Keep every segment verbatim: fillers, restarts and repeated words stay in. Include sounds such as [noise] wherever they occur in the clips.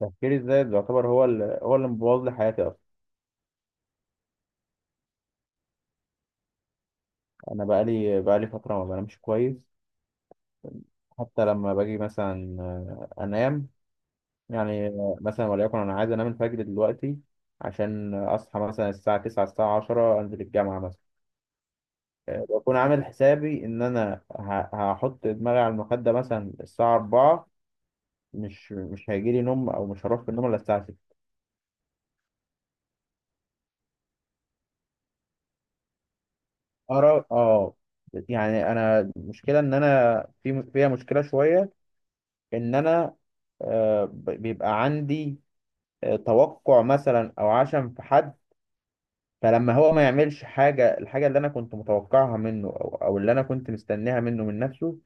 تفكيري الزايد يعتبر هو اللي هو اللي مبوظ لي حياتي اصلا. انا بقالي بقالي فتره ما بنامش كويس. حتى لما باجي مثلا آه، انام. يعني آه، مثلا وليكن انا عايز انام الفجر دلوقتي عشان اصحى مثلا الساعه تسعة الساعه عشرة انزل الجامعه مثلا. آه، بكون عامل حسابي ان انا ه- هحط دماغي على المخده مثلا الساعه اربعة. مش مش هيجي لي نوم او مش هروح في النوم الا الساعه ستة. اه اه. يعني انا المشكله ان انا في فيها مشكله شويه. ان انا آه، ب- بيبقى عندي آه، توقع مثلا او عشم في حد. فلما هو ما يعملش حاجة الحاجة اللي انا كنت متوقعها منه او او اللي انا كنت مستنيها منه من نفسه.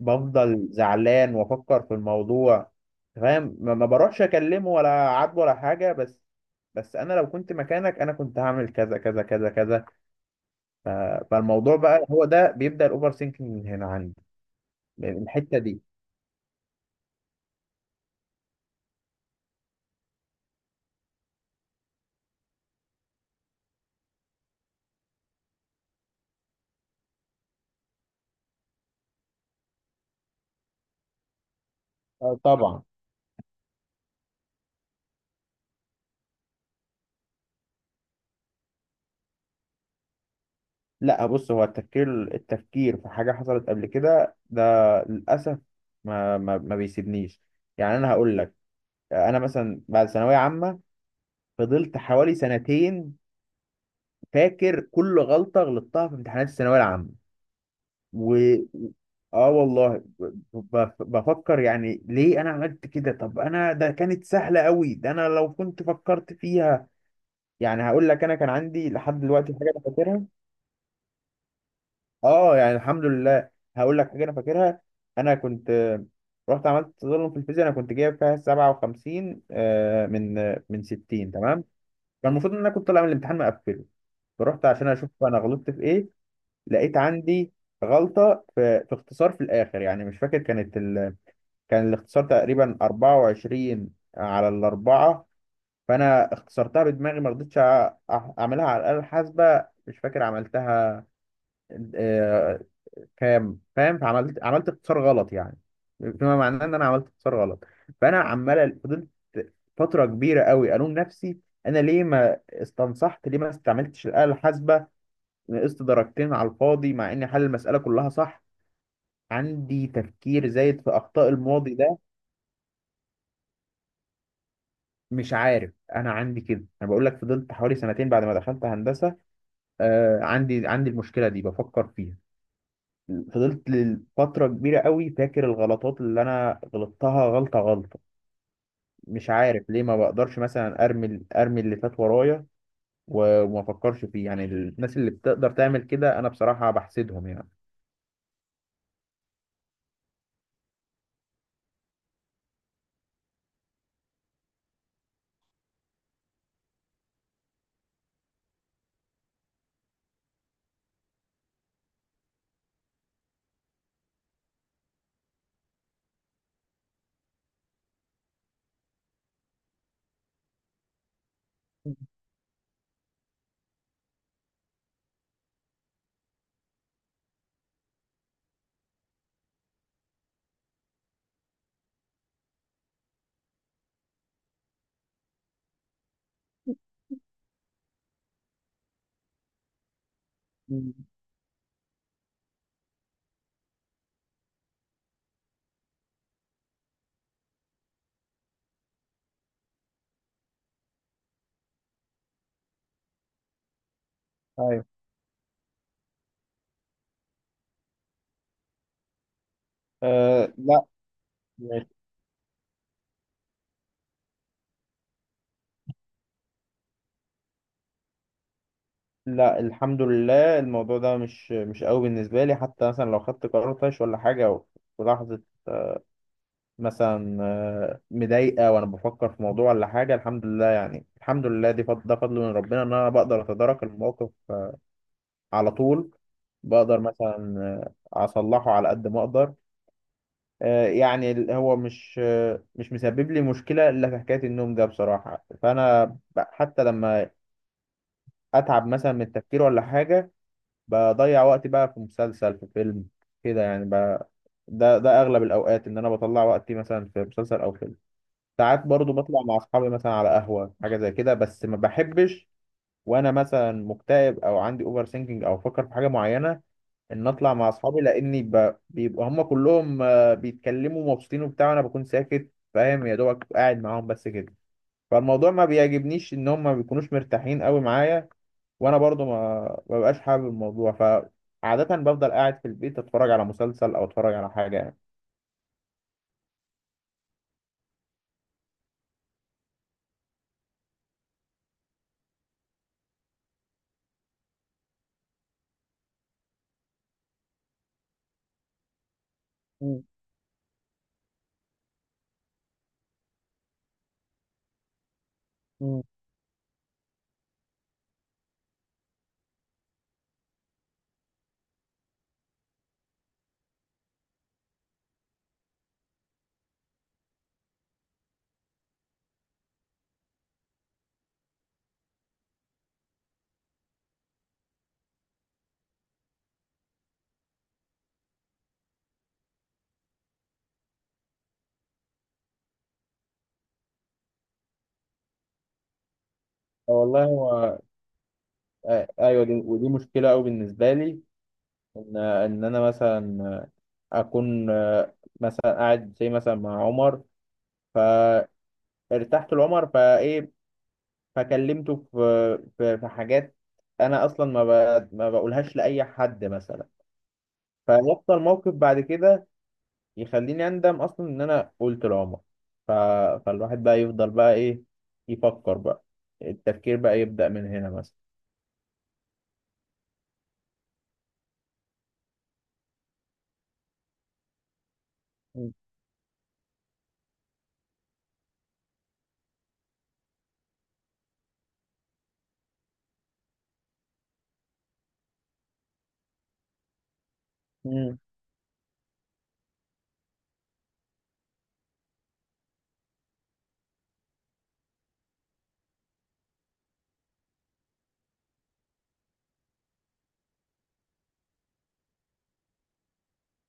بفضل زعلان وافكر في الموضوع فاهم. ما ما بروحش اكلمه ولا عاتبه ولا حاجة بس بس انا لو كنت مكانك انا كنت هعمل كذا كذا كذا كذا. ف- فالموضوع بقى هو ده بيبدأ الاوفر سينكينج من هنا عندي، من الحتة دي. آه، طبعا. لا بص هو التفكير التفكير في حاجة حصلت قبل كده ده، للأسف، ما ما ما بيسيبنيش. يعني أنا هقول لك. أنا مثلا بعد ثانوية عامة فضلت حوالي سنتين فاكر كل غلطة غلطتها في امتحانات الثانوية العامة. و آه والله ب- ب- بفكر يعني ليه أنا عملت كده. طب أنا ده كانت سهلة قوي، ده أنا لو كنت فكرت فيها. يعني هقول لك أنا كان عندي لحد دلوقتي حاجة أنا فاكرها. اه، يعني الحمد لله. هقول لك حاجه انا فاكرها. انا كنت آه، رحت عملت تظلم في الفيزياء. انا كنت جايب فيها سبعة وخمسين آه، من آه، من ستين تمام. كان المفروض ان انا كنت طالع من الامتحان مقفله فرحت عشان اشوف انا غلطت في ايه. لقيت عندي غلطه في, في اختصار في الاخر يعني مش فاكر كانت ال... كان الاختصار تقريبا اربعة وعشرين على الاربعه. فانا اختصرتها بدماغي ما رضيتش أ- أح- اعملها على الاله الحاسبه. مش فاكر عملتها آه، كام. فاهم، فعملت عملت اقتصار غلط يعني. بما معناه ان انا عملت اقتصار غلط. فانا عمال فضلت فتره كبيره قوي الوم نفسي انا ليه ما استنصحت، ليه ما استعملتش الاله الحاسبه. نقصت درجتين على الفاضي مع اني حل المساله كلها صح. عندي تفكير زايد في اخطاء الماضي ده. مش عارف انا عندي كده. انا بقول لك فضلت حوالي سنتين بعد ما دخلت هندسه. آه عندي عندي المشكله دي بفكر فيها. فضلت لفترة كبيرة قوي فاكر الغلطات اللي أنا غلطتها غلطة غلطة. مش عارف ليه ما بقدرش مثلا ارمي ارمي اللي فات ورايا و- وما افكرش فيه. يعني الناس اللي بتقدر تعمل كده انا بصراحة بحسدهم يعني. مم. ايوه. أه لا. مش- لا، الحمد لله، الموضوع ده مش مش قوي بالنسبة لي. حتى مثلا لو خدت قرار طايش ولا حاجة في لحظة مثلا آه، مضايقة وأنا بفكر في موضوع ولا حاجة، الحمد لله يعني الحمد لله. دي فضل، ده فضل من ربنا إن أنا بقدر أتدارك الموقف على طول. بقدر مثلا آه، أصلحه على قد ما أقدر. آه، يعني ال- هو مش آه، مش مسبب لي مشكلة إلا في حكاية النوم ده بصراحة. فأنا ب- حتى لما أتعب مثلا من التفكير ولا حاجة بضيع وقتي بقى في مسلسل، في فيلم كده يعني. ب... ده ده أغلب الأوقات إن أنا بطلع وقتي مثلا في مسلسل أو فيلم. ساعات برضو بطلع مع أصحابي مثلا على قهوة حاجة زي كده بس ما بحبش وأنا مثلا مكتئب أو عندي أوفر ثينكينج أو بفكر في حاجة معينة ان اطلع مع اصحابي لاني ب... بيبقوا هم كلهم آه، بيتكلموا مبسوطين وبتاع وانا بكون ساكت فاهم يا دوبك قاعد معاهم بس كده. فالموضوع ما بيعجبنيش ان هم ما بيكونوش مرتاحين قوي معايا وانا برضو ما ما ببقاش حابب الموضوع. فعادة بفضل قاعد في البيت اتفرج على مسلسل او اتفرج على حاجة يعني. مم. مم. والله هو آه، ايوه. دي ودي مشكله قوي بالنسبه لي. ان ان انا مثلا اكون آه، مثلا قاعد زي مثلا مع عمر فارتحت لعمر فايه. فكلمته في في في حاجات انا اصلا ما ب... ما بقولهاش لاي حد مثلا. فيحصل موقف بعد كده يخليني اندم اصلا ان انا قلت لعمر. ف... فالواحد بقى يفضل بقى ايه يفكر بقى. التفكير بقى يبدأ من هنا مثلا. مم. مم.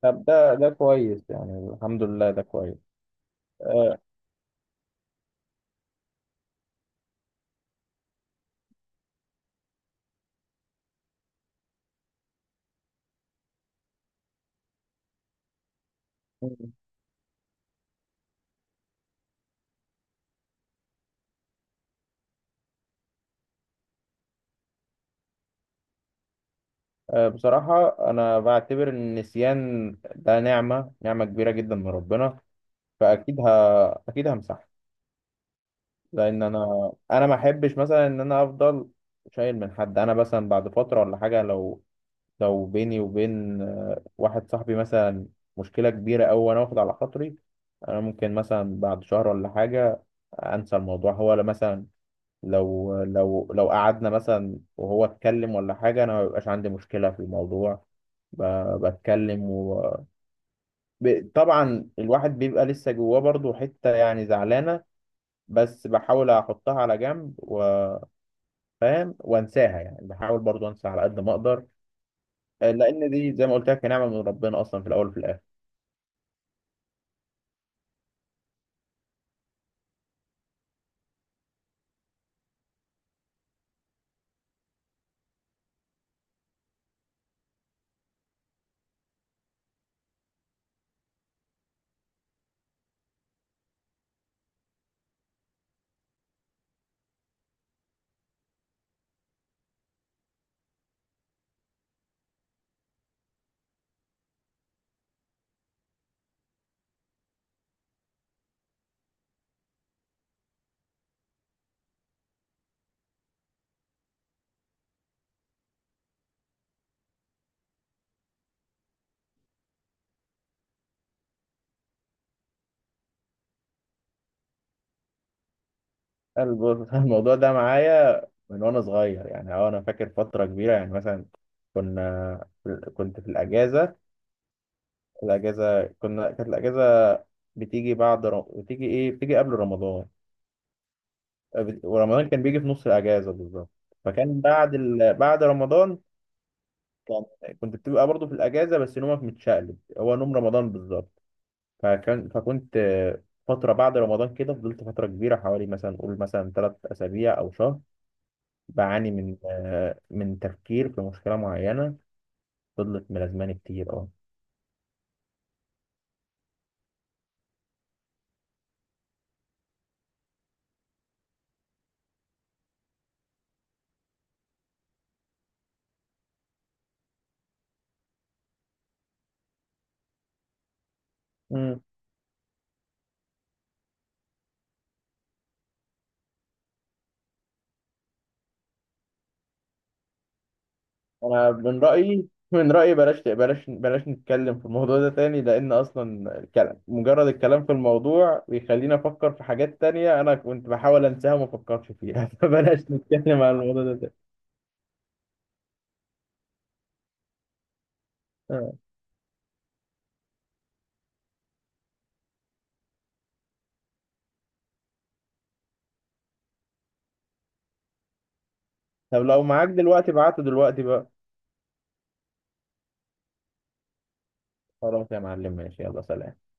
طب ده ده كويس يعني الحمد لله، ده كويس. أه. مم. أه، بصراحة أنا بعتبر إن النسيان ده نعمة نعمة كبيرة جدا من ربنا. فأكيد ه... أكيد همسحها. لان انا انا ما احبش مثلا ان انا افضل شايل من حد. انا مثلا بعد فتره ولا حاجه، لو لو بيني وبين آه، واحد صاحبي مثلا مشكله كبيره أوي وانا واخد على خاطري، انا ممكن مثلا بعد شهر ولا حاجه انسى الموضوع هو. لا مثلا لو لو لو قعدنا مثلا وهو اتكلم ولا حاجه انا ما بيبقاش عندي مشكله في الموضوع. ب- بتكلم و... ب- طبعا الواحد بيبقى لسه جواه برضه حته يعني زعلانه بس بحاول احطها على جنب و... فاهم وانساها يعني بحاول برضو انسى على قد ما اقدر. آه، لان دي زي ما قلت لك نعمه من ربنا اصلا في الاول وفي الاخر. الب- [laughs] الموضوع ده معايا من وانا صغير يعني أه. انا فاكر فتره كبيره يعني مثلا كنا كنت في الاجازه. الاجازه، كنا كانت الاجازه بتيجي بعد ر... بتيجي ايه بتيجي قبل رمضان. آه، بت- ورمضان كان بيجي في نص الاجازه بالظبط. فكان بعد ال... بعد رمضان كان كنت بتبقى برضو في الاجازه بس نومك متشقلب، هو نوم رمضان بالظبط. فكان فكنت آه، فترة بعد رمضان كده فضلت فترة كبيرة حوالي مثلا قول مثلا ثلاث أسابيع أو شهر بعاني من آه، من تفكير في مشكلة معينة. فضلت ملازماني كتير أه. مم. أنا من رأيي من رأيي بلاش بلاش بلاش نتكلم في الموضوع ده تاني. لأن أصلا الكلام، مجرد الكلام في الموضوع، بيخليني أفكر في حاجات تانية أنا كنت بحاول أنساها وما أفكرش فيها. [laughs] فبلاش نتكلم عن الموضوع ده تاني. آه. طب لو معاك دلوقتي ابعته دلوقتي بقى. خلاص يا معلم، ماشي، يلا سلام.